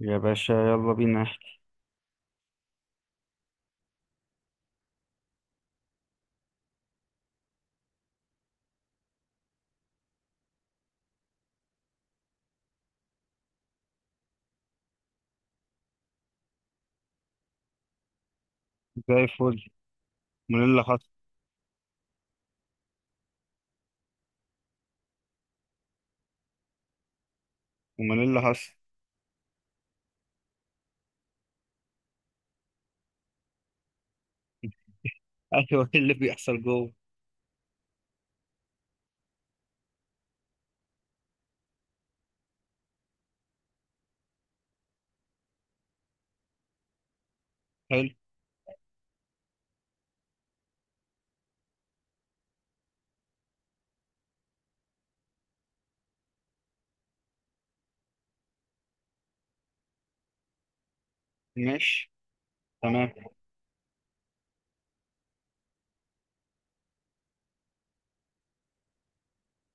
يا باشا، يلا بينا احكي. زي الفل. امال إيه اللي حصل؟ امال إيه اللي حصل؟ ايوه، ايه اللي بيحصل جوه؟ حلو. ماشي. تمام.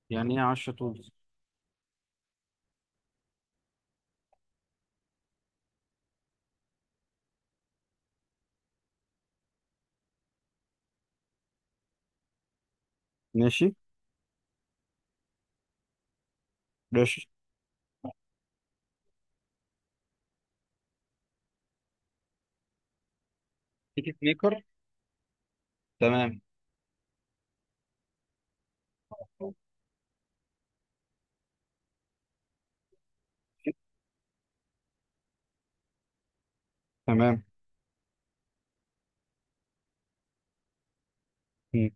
يعني ايه 10 طول؟ ماشي. ماشي. تيكت ميكر؟ تمام. تمام. مم.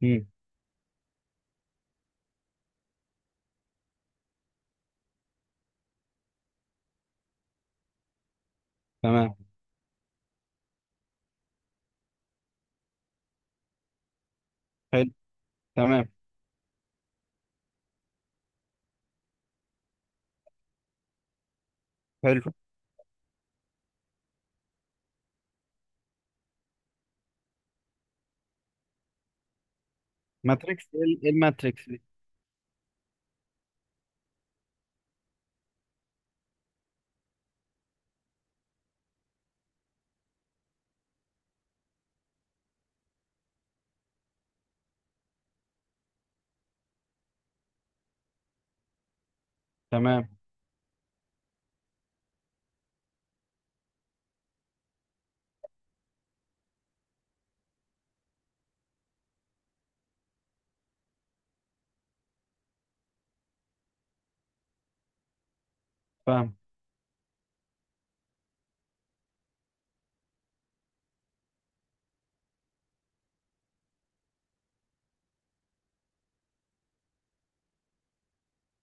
مم. تمام. حلو. تمام. حلو. ماتريكس، ايه إيه الماتريكس دي؟ تمام. فاهم.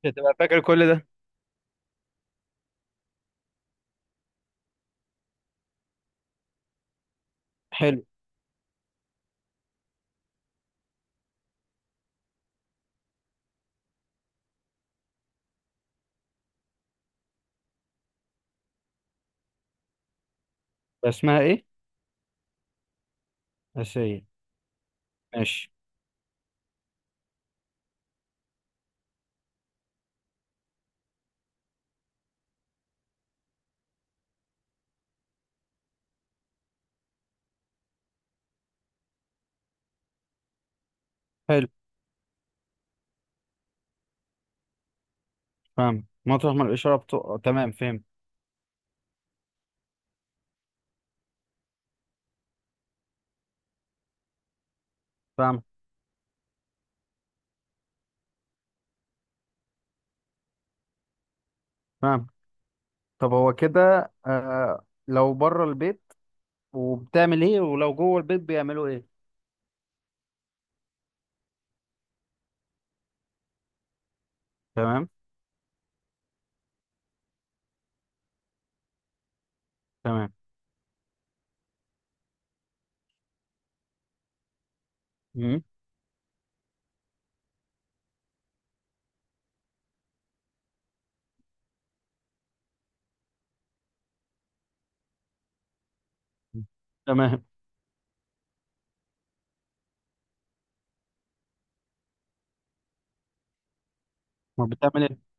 تبقى فاكر كل ده؟ حلو. اسمها ايه؟ اساسيه. ماشي. حلو. فاهم، مطرح ما الاشاره بتقع. تمام، فهمت. فاهم. فاهم. طب هو كده، لو بره البيت وبتعمل ايه، ولو جوه البيت بيعملوا ايه؟ تمام. تمام. مم. تمام. ما بتعمل ايه؟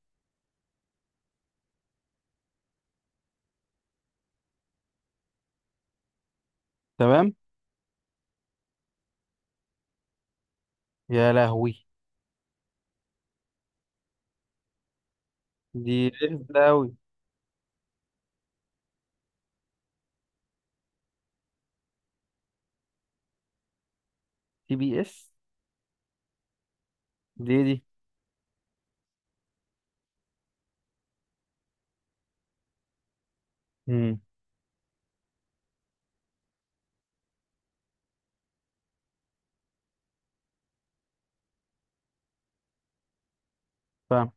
تمام. يا لهوي! دي لسه قوي. TBS؟ دي إيه دي؟ امم. فاهم.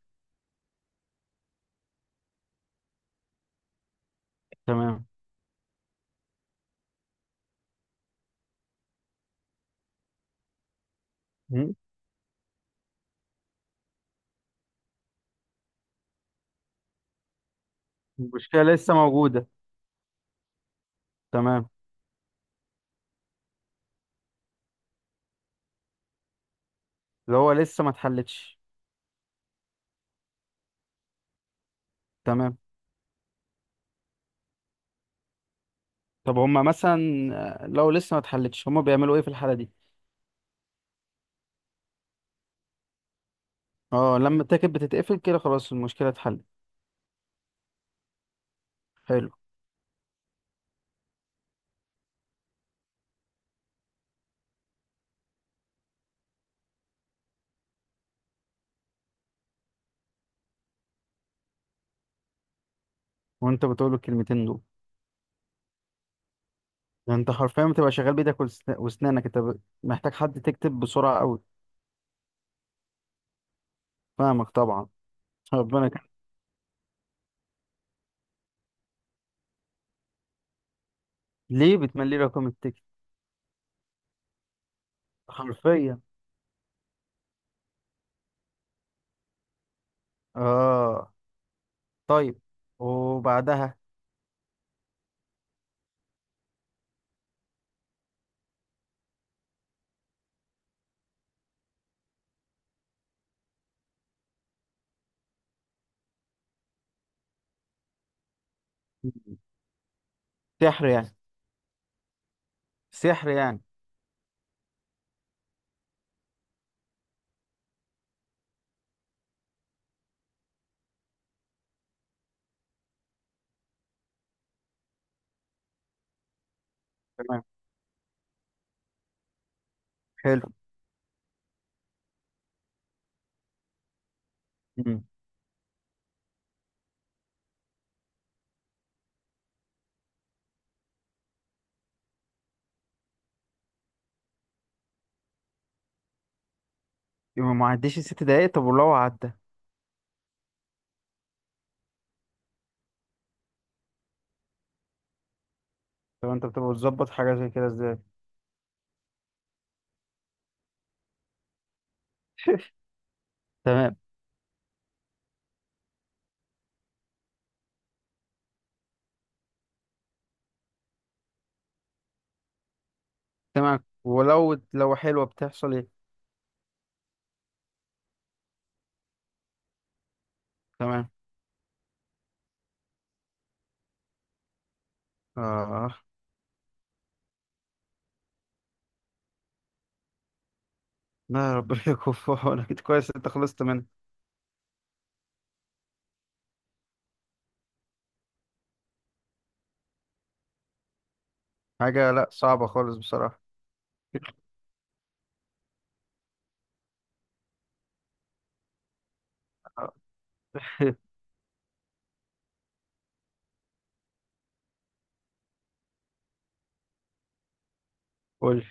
تمام. مم. المشكله لسه موجوده. تمام. اللي هو لسه ما اتحلتش. تمام. طب هما مثلا، لو لسه ما اتحلتش هما بيعملوا ايه في الحاله دي؟ اه، لما التاكد بتتقفل كده خلاص المشكله اتحلت. حلو. وانت بتقول الكلمتين دول. ده انت حرفيا بتبقى شغال بايدك واسنانك، انت محتاج حد تكتب بسرعه قوي. فاهمك طبعا. ربنا كان. ليه بتملي رقم التيكت؟ حرفيا. اه. طيب، وبعدها؟ سحر يعني. سحر يعني. تمام. حلو. مم. يبقى ما عديش ال 6 دقايق. طب ولو عدى؟ طب انت بتبقى بتظبط حاجه زي كده ازاي؟ تمام. تمام ولو حلوه بتحصل ايه؟ تمام. اه. لا، ربنا يكون في عونك. كويس انت خلصت منها. حاجه لا، صعبه خالص بصراحه. قول.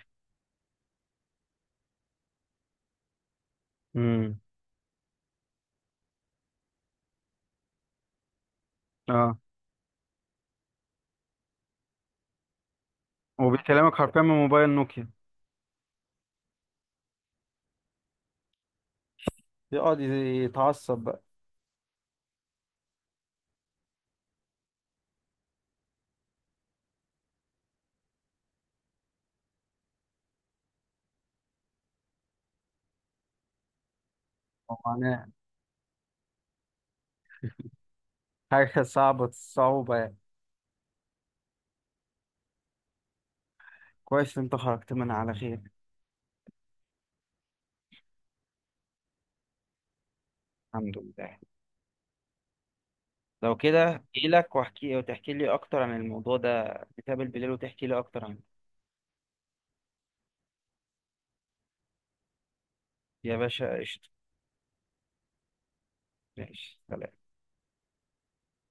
امم. اه. وبيكلمك حرفيا من موبايل نوكيا. يقعد يتعصب بقى. هو معناه حاجة صعبة، الصعوبة يعني. كويس إن أنت خرجت منها على خير. الحمد لله. لو كده اجي لك واحكي وتحكي لي اكتر عن الموضوع ده. نتقابل بالليل وتحكي لي اكتر عنه. يا باشا، قشطة. ماشي، سلام.